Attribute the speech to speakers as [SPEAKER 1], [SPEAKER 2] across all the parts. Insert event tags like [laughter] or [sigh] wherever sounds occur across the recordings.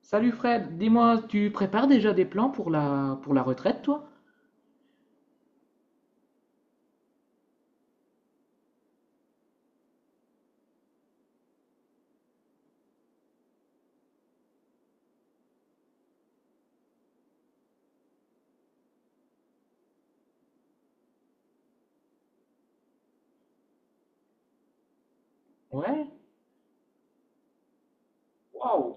[SPEAKER 1] Salut Fred, dis-moi, tu prépares déjà des plans pour la retraite, toi? Ouais. Waouh.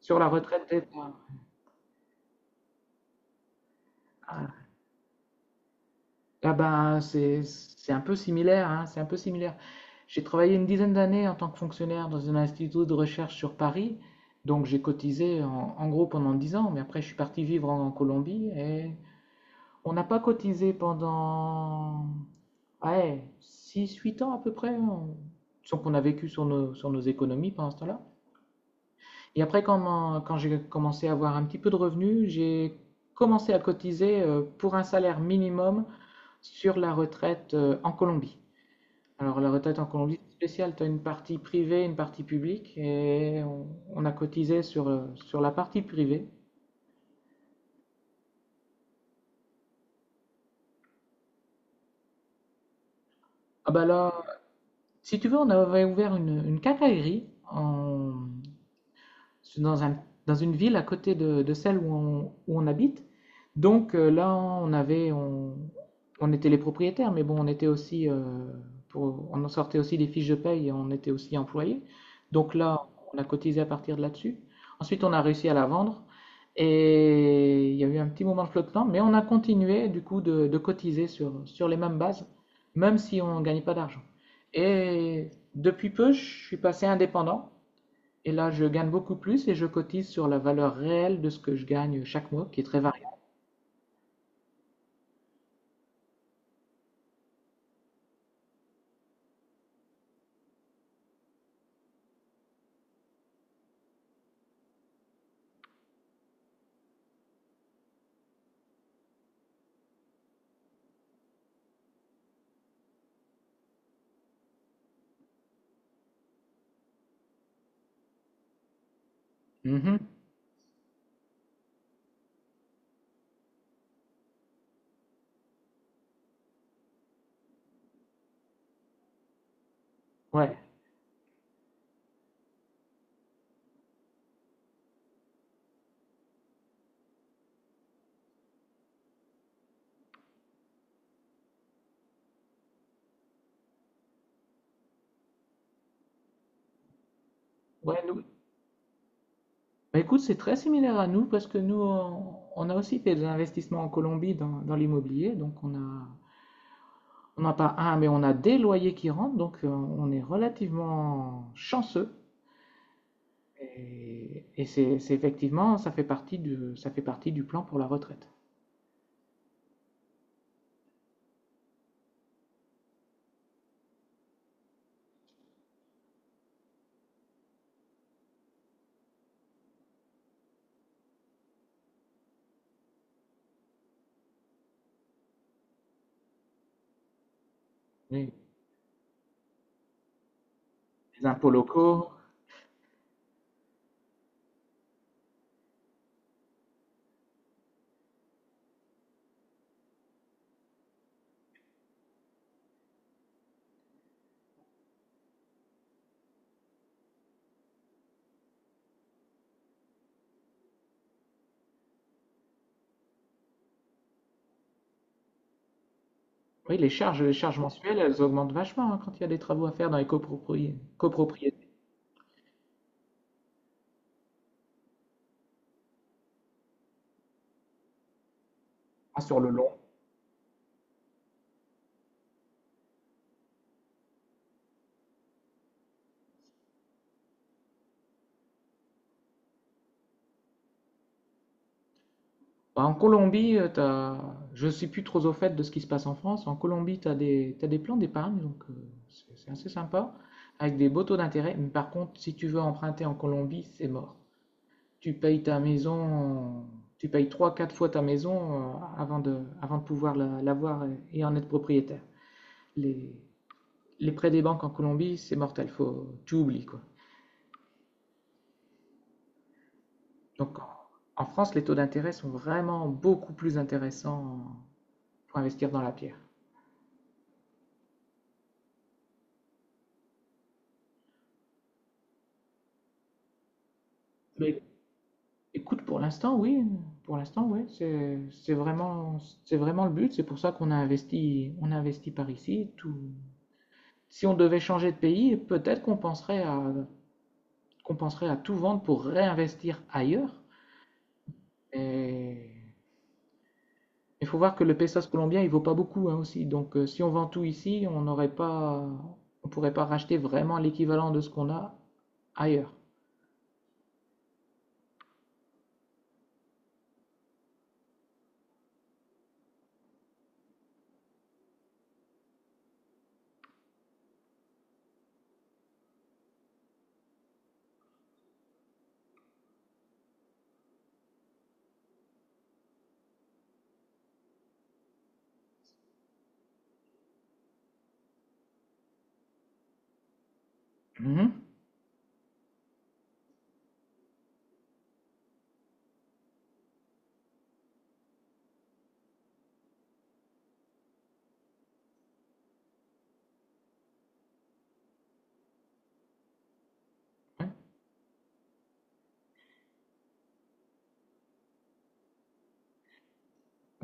[SPEAKER 1] Sur la retraite des... Ah, ah ben c'est un peu similaire, hein, c'est un peu similaire. J'ai travaillé une dizaine d'années en tant que fonctionnaire dans un institut de recherche sur Paris, donc j'ai cotisé en gros pendant 10 ans, mais après je suis parti vivre en Colombie et on n'a pas cotisé pendant Ah ouais, six huit ans à peu près, hein. Sauf qu'on a vécu sur sur nos économies pendant ce temps-là. Et après, quand j'ai commencé à avoir un petit peu de revenus, j'ai commencé à cotiser pour un salaire minimum sur la retraite en Colombie. Alors, la retraite en Colombie, c'est spécial, tu as une partie privée, une partie publique, on a cotisé sur la partie privée. Ah bah là, si tu veux, on avait ouvert une quincaillerie dans un, dans une ville à côté de celle où on, où on habite. Donc là, on était les propriétaires, mais bon, on était aussi, pour, on en sortait aussi des fiches de paye et on était aussi employés. Donc là, on a cotisé à partir de là-dessus. Ensuite, on a réussi à la vendre et il y a eu un petit moment de flottement, mais on a continué du coup de cotiser sur les mêmes bases, même si on ne gagnait pas d'argent. Et depuis peu, je suis passé indépendant. Et là, je gagne beaucoup plus et je cotise sur la valeur réelle de ce que je gagne chaque mois, qui est très variable. Mhm. Ouais, ouais, nous. Bah, écoute, c'est très similaire à nous parce que on a aussi fait des investissements en Colombie dans l'immobilier. Donc, on a, on n'a pas un, mais on a des loyers qui rentrent. Donc, on est relativement chanceux. Et c'est effectivement, ça fait partie du plan pour la retraite. Oui. Les impôts locaux, oui, les charges mensuelles, elles augmentent vachement hein, quand il y a des travaux à faire dans les copropriétés, hein, sur le long. Bah, en Colombie, t'as... je ne suis plus trop au fait de ce qui se passe en France. En Colombie, tu as des... t'as des plans d'épargne, donc c'est assez sympa, avec des beaux taux d'intérêt. Mais par contre, si tu veux emprunter en Colombie, c'est mort. Tu payes ta maison, tu payes trois, quatre fois ta maison avant de pouvoir l'avoir et en être propriétaire. Les... les prêts des banques en Colombie, c'est mortel, faut... tu oublies quoi. Donc, en France, les taux d'intérêt sont vraiment beaucoup plus intéressants pour investir dans la pierre. Mais écoute, pour l'instant, oui, c'est vraiment, c'est vraiment le but. C'est pour ça qu'on a investi, on a investi par ici. Tout. Si on devait changer de pays, peut-être qu'on penserait à tout vendre pour réinvestir ailleurs. Et il faut voir que le pesos colombien, il vaut pas beaucoup hein, aussi. Donc, si on vend tout ici, on n'aurait pas, on pourrait pas racheter vraiment l'équivalent de ce qu'on a ailleurs. Mhm. Ouais.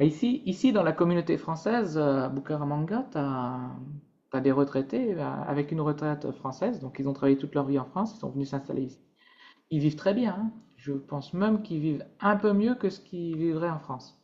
[SPEAKER 1] Et ici, dans la communauté française, à Bucaramanga, t'as des retraités avec une retraite française. Donc, ils ont travaillé toute leur vie en France, ils sont venus s'installer ici. Ils vivent très bien, hein. Je pense même qu'ils vivent un peu mieux que ce qu'ils vivraient en France.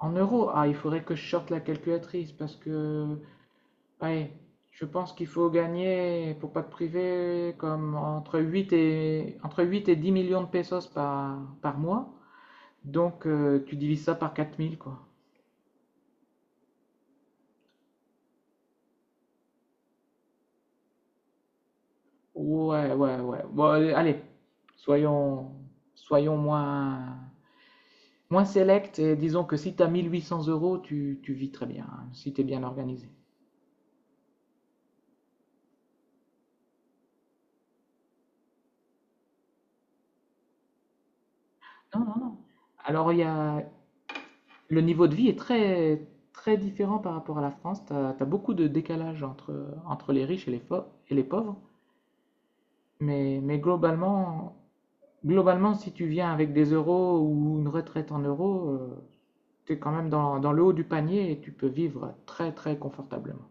[SPEAKER 1] En euros, ah, il faudrait que je sorte la calculatrice parce que oui, je pense qu'il faut gagner, faut pas te priver, comme entre 8 et 10 millions de pesos par mois. Donc, tu divises ça par 4 000 quoi. Ouais, ouais, ouais. Bon, allez, allez. soyons, soyons moins, moins select et disons que si tu as 1 800 euros, tu vis très bien, hein, si tu es bien organisé. Non, non, non. Alors, il y a, le niveau de vie est très, très différent par rapport à la France. Beaucoup de décalage entre les riches et les pauvres. Mais globalement, globalement, si tu viens avec des euros ou une retraite en euros, tu es quand même dans le haut du panier et tu peux vivre très, très confortablement.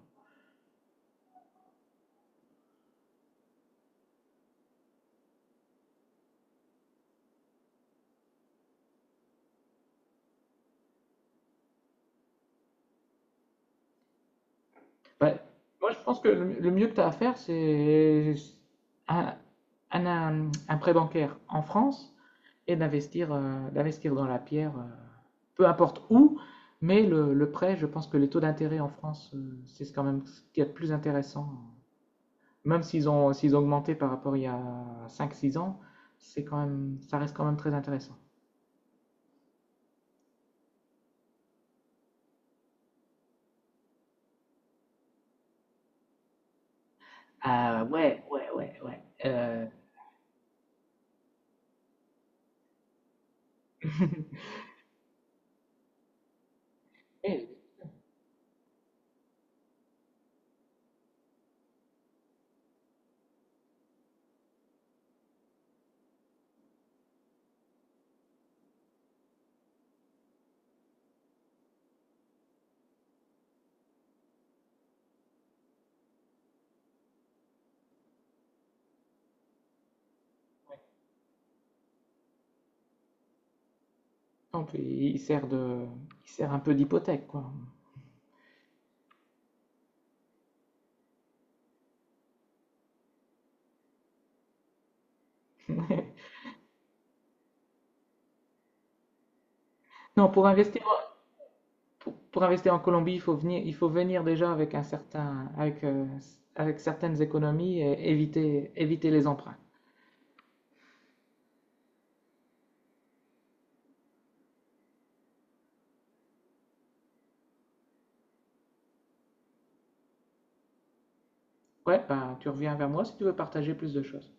[SPEAKER 1] Ouais. Moi, je pense que le mieux que tu as à faire, c'est un, un prêt bancaire en France et d'investir d'investir dans la pierre, peu importe où, mais le prêt, je pense que les taux d'intérêt en France, c'est quand même ce qu'il y a de plus intéressant. Même s'ils ont augmenté par rapport à il y a cinq six ans, c'est quand même, ça reste quand même très intéressant. Ah ouais, ouais. [laughs] Et donc, il sert un peu d'hypothèque, quoi. [laughs] Non, pour investir, pour investir en Colombie, il faut venir déjà avec un certain, avec, avec certaines économies et éviter, éviter les emprunts. Ouais, bah, tu reviens vers moi si tu veux partager plus de choses.